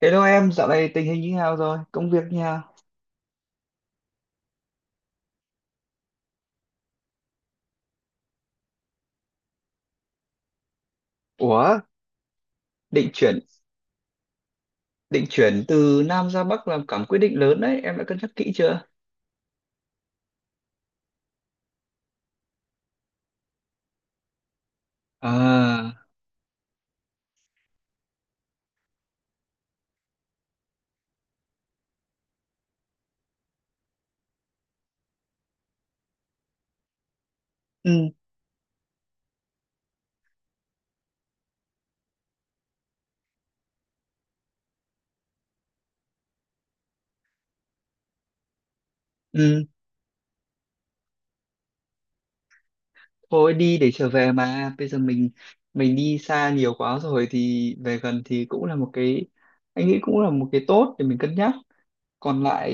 Hello em, dạo này tình hình như nào rồi? Công việc như nào? Ủa, định chuyển định chuyển từ Nam ra Bắc là cả một quyết định lớn đấy, em đã cân nhắc kỹ chưa? À, ừ, ừ, Thôi đi để trở về mà. Bây giờ mình đi xa nhiều quá rồi thì về gần thì cũng là một cái, anh nghĩ cũng là một cái tốt để mình cân nhắc. Còn lại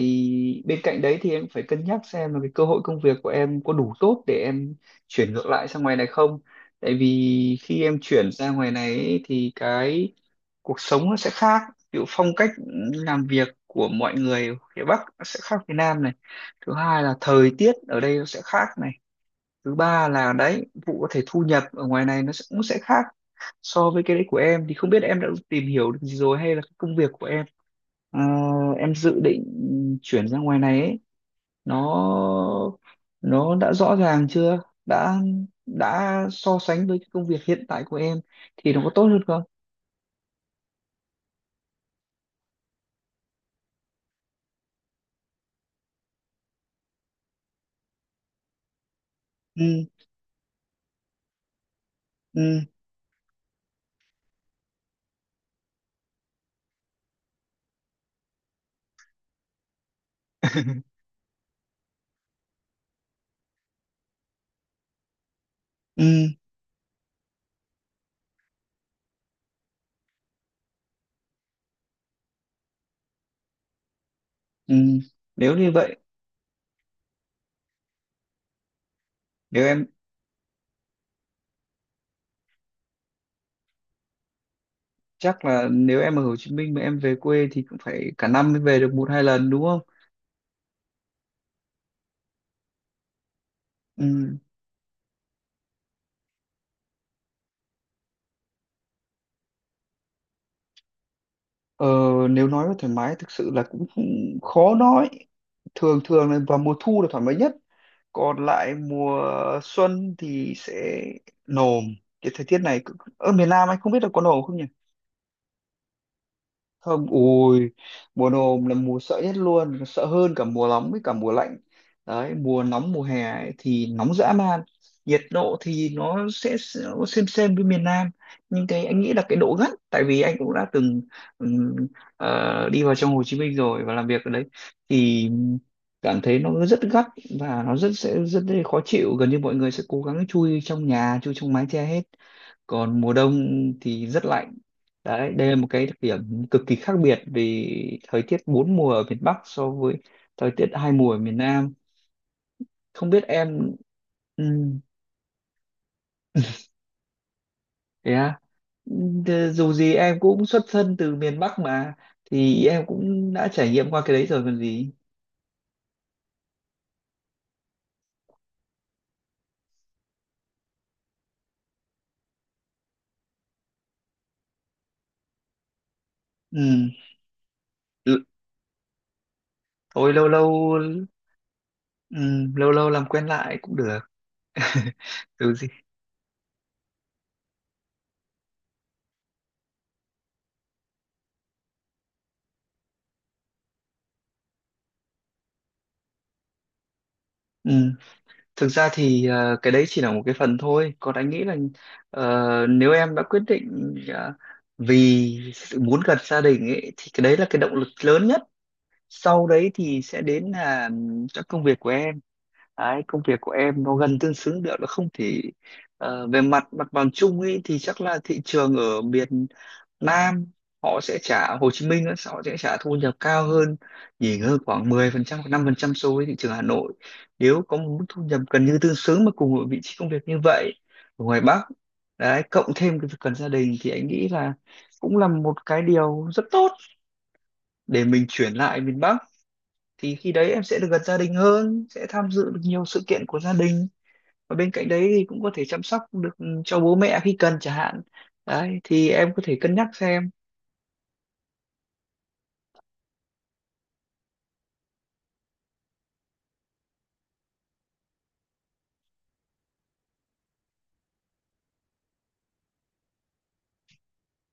bên cạnh đấy thì em phải cân nhắc xem là cái cơ hội công việc của em có đủ tốt để em chuyển ngược lại sang ngoài này không? Tại vì khi em chuyển ra ngoài này ấy, thì cái cuộc sống nó sẽ khác, ví dụ phong cách làm việc của mọi người ở phía Bắc nó sẽ khác phía Nam này, thứ hai là thời tiết ở đây nó sẽ khác này, thứ ba là đấy vụ có thể thu nhập ở ngoài này nó sẽ, cũng sẽ khác so với cái đấy của em, thì không biết em đã tìm hiểu được gì rồi hay là cái công việc của em, ờ, em dự định chuyển ra ngoài này ấy, nó nó đã rõ ràng chưa, đã đã so sánh với cái công việc hiện tại của em thì nó có tốt hơn không. Ừ. Ừ. Ừ, nếu như vậy, nếu em, chắc là nếu em ở Hồ Chí Minh mà em về quê thì cũng phải cả năm mới về được một hai lần đúng không? Ừ. Ờ, nếu nói về thoải mái thực sự là cũng khó nói. Thường thường là vào mùa thu là thoải mái nhất, còn lại mùa xuân thì sẽ nồm. Cái thời tiết ở miền Nam anh không biết là có nồm không nhỉ? Không, ui, mùa nồm là mùa sợ nhất luôn, sợ hơn cả mùa nóng với cả mùa lạnh. Đấy mùa nóng mùa hè ấy, thì nóng dã man, nhiệt độ thì nó sẽ nó xem với miền Nam, nhưng cái anh nghĩ là cái độ gắt, tại vì anh cũng đã từng, ừm, đi vào trong Hồ Chí Minh rồi và làm việc ở đấy, thì cảm thấy nó rất gắt và nó sẽ rất khó chịu, gần như mọi người sẽ cố gắng chui trong nhà chui trong mái che hết. Còn mùa đông thì rất lạnh. Đấy đây là một cái đặc điểm cực kỳ khác biệt vì thời tiết bốn mùa ở miền Bắc so với thời tiết hai mùa ở miền Nam. Không biết em, ừ, thế à? Ừ, dù gì em cũng xuất thân từ miền Bắc mà, thì em cũng đã trải nghiệm qua cái đấy rồi còn gì. Ừ. l- Thôi lâu lâu, ừ, lâu lâu làm quen lại cũng được. Dù gì, ừ. Thực ra thì cái đấy chỉ là một cái phần thôi. Còn anh nghĩ là, ờ, nếu em đã quyết định, vì sự muốn gần gia đình ấy, thì cái đấy là cái động lực lớn nhất. Sau đấy thì sẽ đến là các công việc của em. Đấy, công việc của em nó gần tương xứng được nó không thể, về mặt mặt bằng chung ấy thì chắc là thị trường ở miền Nam, họ sẽ trả, Hồ Chí Minh á, họ sẽ trả thu nhập cao hơn, nhỉnh hơn khoảng 10% hoặc 5% so với thị trường Hà Nội. Nếu có một mức thu nhập gần như tương xứng mà cùng một vị trí công việc như vậy ở ngoài Bắc, đấy cộng thêm cái việc cần gia đình thì anh nghĩ là cũng là một cái điều rất tốt để mình chuyển lại miền Bắc. Thì khi đấy em sẽ được gần gia đình hơn, sẽ tham dự được nhiều sự kiện của gia đình, và bên cạnh đấy thì cũng có thể chăm sóc được, ừ, cho bố mẹ khi cần chẳng hạn. Đấy thì em có thể cân nhắc xem.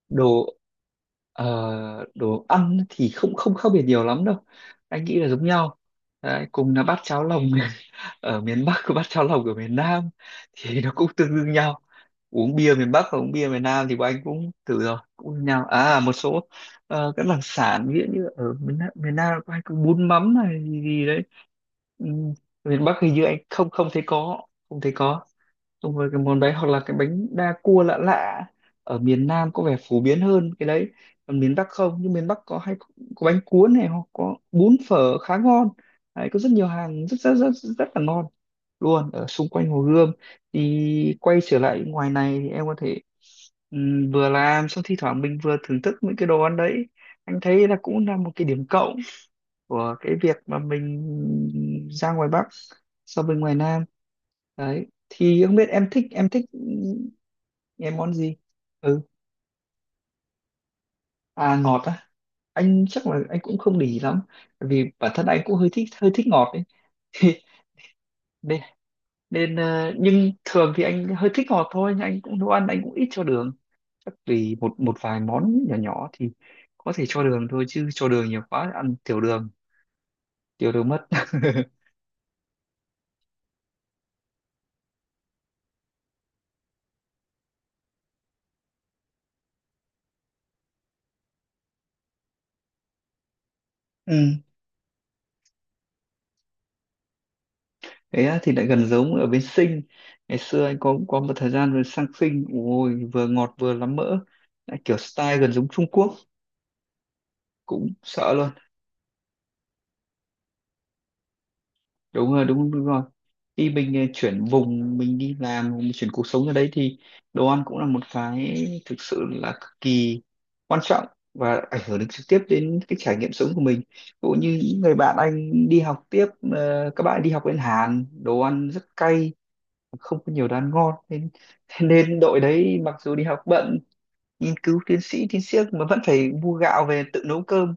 Đồ, đồ ăn thì không không khác biệt nhiều lắm đâu, anh nghĩ là giống nhau. Đấy, cùng là bát cháo lòng ở miền Bắc và bát cháo lòng ở miền Nam thì nó cũng tương đương nhau. Uống bia miền Bắc và uống bia miền Nam thì bọn anh cũng thử rồi cũng như nhau à, một số các đặc sản ví dụ như ở miền Nam có anh có bún mắm này gì, gì đấy. Ừm, Miền Bắc hình như anh không không thấy có, không thấy có. Đúng rồi, cái món đấy hoặc là cái bánh đa cua lạ lạ ở miền Nam có vẻ phổ biến hơn cái đấy, còn miền Bắc không, nhưng miền Bắc có hay có bánh cuốn này hoặc có bún phở khá ngon. Đấy có rất nhiều hàng rất rất rất rất là ngon luôn ở xung quanh Hồ Gươm. Thì quay trở lại ngoài này thì em có thể, vừa làm xong thi thoảng mình vừa thưởng thức những cái đồ ăn đấy. Anh thấy là cũng là một cái điểm cộng của cái việc mà mình ra ngoài Bắc so với ngoài Nam. Đấy thì không biết em thích, em thích em món gì. Ừ, à ngọt á, anh chắc là anh cũng không để ý lắm. Bởi vì bản thân anh cũng hơi thích ngọt đấy. nên, nên, nhưng thường thì anh hơi thích ngọt thôi, nhưng anh cũng nấu ăn anh cũng ít cho đường, chắc vì một một vài món nhỏ nhỏ thì có thể cho đường thôi, chứ cho đường nhiều quá ăn tiểu đường, tiểu đường mất. Ừ. Thế á, thì lại gần giống ở bên Sinh. Ngày xưa anh có một thời gian rồi sang Sinh, ôi vừa ngọt vừa lắm mỡ, lại kiểu style gần giống Trung Quốc, cũng sợ luôn. Đúng rồi, đúng, đúng rồi. Khi mình chuyển vùng, mình đi làm, mình chuyển cuộc sống ở đấy thì đồ ăn cũng là một cái thực sự là cực kỳ quan trọng, và ảnh hưởng đến trực tiếp đến cái trải nghiệm sống của mình. Cũng như những người bạn anh đi học tiếp, các bạn đi học bên Hàn, đồ ăn rất cay, không có nhiều đồ ăn ngon, nên thế nên đội đấy mặc dù đi học bận nghiên cứu tiến sĩ mà vẫn phải mua gạo về tự nấu cơm.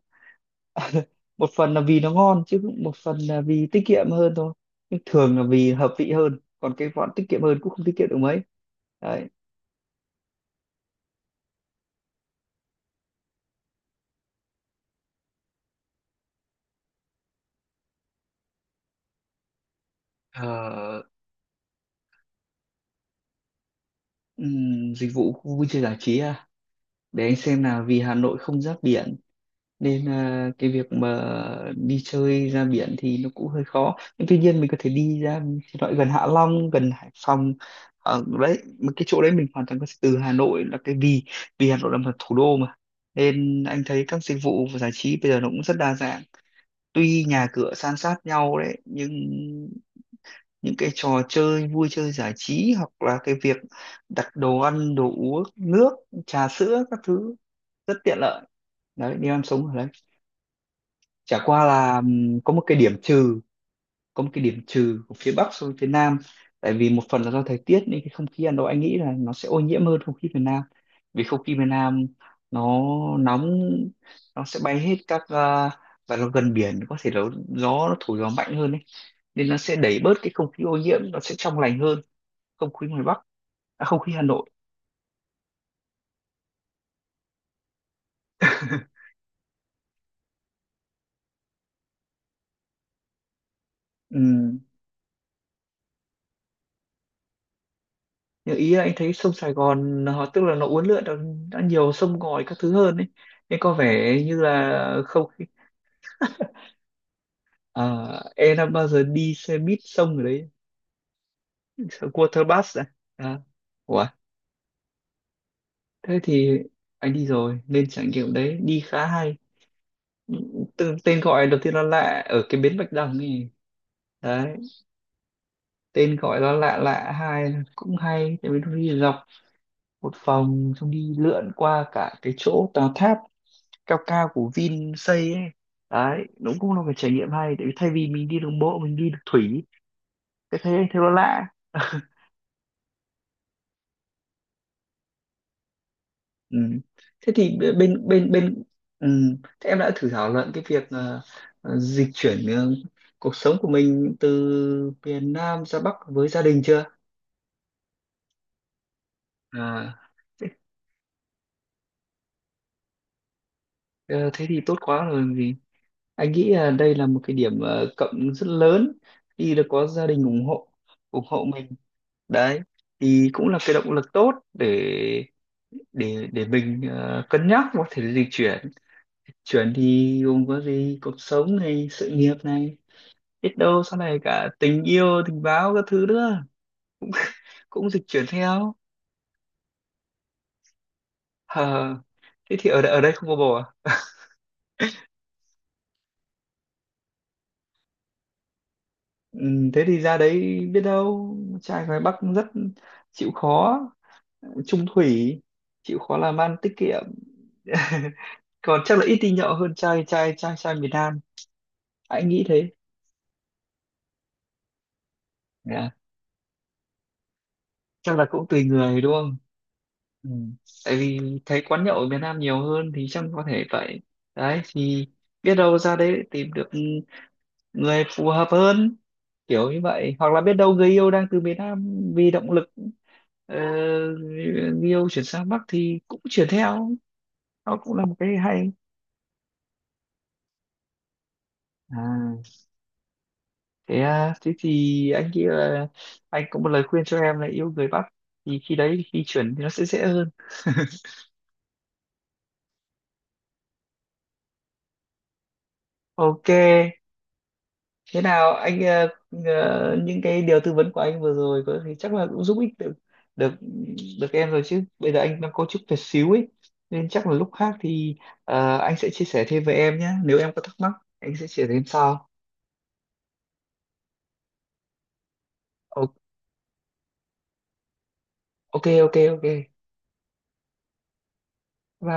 Một phần là vì nó ngon, chứ một phần là vì tiết kiệm hơn thôi, nhưng thường là vì hợp vị hơn, còn cái bọn tiết kiệm hơn cũng không tiết kiệm được mấy. Đấy. Ờ, dịch vụ khu vui chơi giải trí à, để anh xem nào, vì Hà Nội không giáp biển, nên à, cái việc mà đi chơi ra biển thì nó cũng hơi khó, nhưng tuy nhiên mình có thể đi ra thì loại gần Hạ Long gần Hải Phòng. Ở đấy mà cái chỗ đấy mình hoàn toàn có thể từ Hà Nội là cái vì, vì Hà Nội là một thủ đô mà, nên anh thấy các dịch vụ và giải trí bây giờ nó cũng rất đa dạng. Tuy nhà cửa san sát nhau đấy, nhưng những cái trò chơi vui chơi giải trí hoặc là cái việc đặt đồ ăn đồ uống nước trà sữa các thứ rất tiện lợi. Đấy nếu em sống ở, chả qua là có một cái điểm trừ, có một cái điểm trừ của phía Bắc so với phía Nam, tại vì một phần là do thời tiết nên cái không khí Hà Nội anh nghĩ là nó sẽ ô nhiễm hơn không khí miền Nam. Vì không khí miền Nam nó nóng, nó sẽ bay hết các, à, và nó gần biển có thể là gió nó thổi mạnh hơn ấy, nên nó sẽ đẩy bớt cái không khí ô nhiễm, nó sẽ trong lành hơn không khí ngoài Bắc, à, không khí Hà Nội. Ừ. Nhưng ý là anh thấy sông Sài Gòn họ tức là nó uốn lượn đã nhiều sông ngòi các thứ hơn ấy, nên có vẻ như là không khí- à, em đã bao giờ đi xe buýt sông ở đấy, xe water bus à? À, ủa, thế thì anh đi rồi, nên trải nghiệm đấy đi khá hay. Từ, tên gọi đầu tiên là lạ ở cái bến Bạch Đằng ấy, đấy tên gọi nó lạ lạ, hai là cũng hay tại vì nó đi dọc một vòng xong đi lượn qua cả cái chỗ tòa tháp cao cao của Vin xây ấy. Đấy nó cũng là một cái trải nghiệm hay, tại vì thay vì mình đi đường bộ mình đi được thủy, cái thế thế nó lạ. Ừ. Thế thì bên bên bên, ừ. Thế em đã thử thảo luận cái việc, dịch chuyển, cuộc sống của mình từ miền Nam ra Bắc với gia đình chưa? À, thế, ờ, thế thì tốt quá rồi, anh nghĩ là đây là một cái điểm, cộng rất lớn khi đã có gia đình ủng hộ, ủng hộ mình. Đấy thì cũng là cái động lực tốt để để mình, cân nhắc có thể dịch chuyển. Chuyển thì gồm có gì, cuộc sống này, sự nghiệp này, biết đâu sau này cả tình yêu tình báo các thứ nữa cũng dịch chuyển theo. Hờ, thế thì ở đây không có bồ à? Ừ, thế thì ra đấy biết đâu trai ngoài Bắc cũng rất chịu khó, trung thủy, chịu khó làm ăn tiết kiệm, còn chắc là ít đi nhậu hơn trai trai trai trai miền Nam, anh nghĩ thế. Dạ. Chắc là cũng tùy người đúng không. Ừ. Tại vì thấy quán nhậu ở miền Nam nhiều hơn thì chắc có thể vậy. Đấy thì biết đâu ra đấy tìm được người phù hợp hơn, kiểu như vậy, hoặc là biết đâu người yêu đang từ miền Nam vì động lực, ờ, người yêu chuyển sang Bắc thì cũng chuyển theo, nó cũng là một cái hay. À thế à, thế thì anh nghĩ là anh có một lời khuyên cho em là yêu người Bắc, thì khi đấy khi chuyển thì nó sẽ dễ hơn. Ok, thế nào anh, những cái điều tư vấn của anh vừa rồi có thì chắc là cũng giúp ích được, được được em rồi, chứ bây giờ anh đang có chút việc xíu ấy, nên chắc là lúc khác thì, anh sẽ chia sẻ thêm với em nhé, nếu em có thắc mắc anh sẽ chia sẻ thêm sau. Ok, ok ok, ok.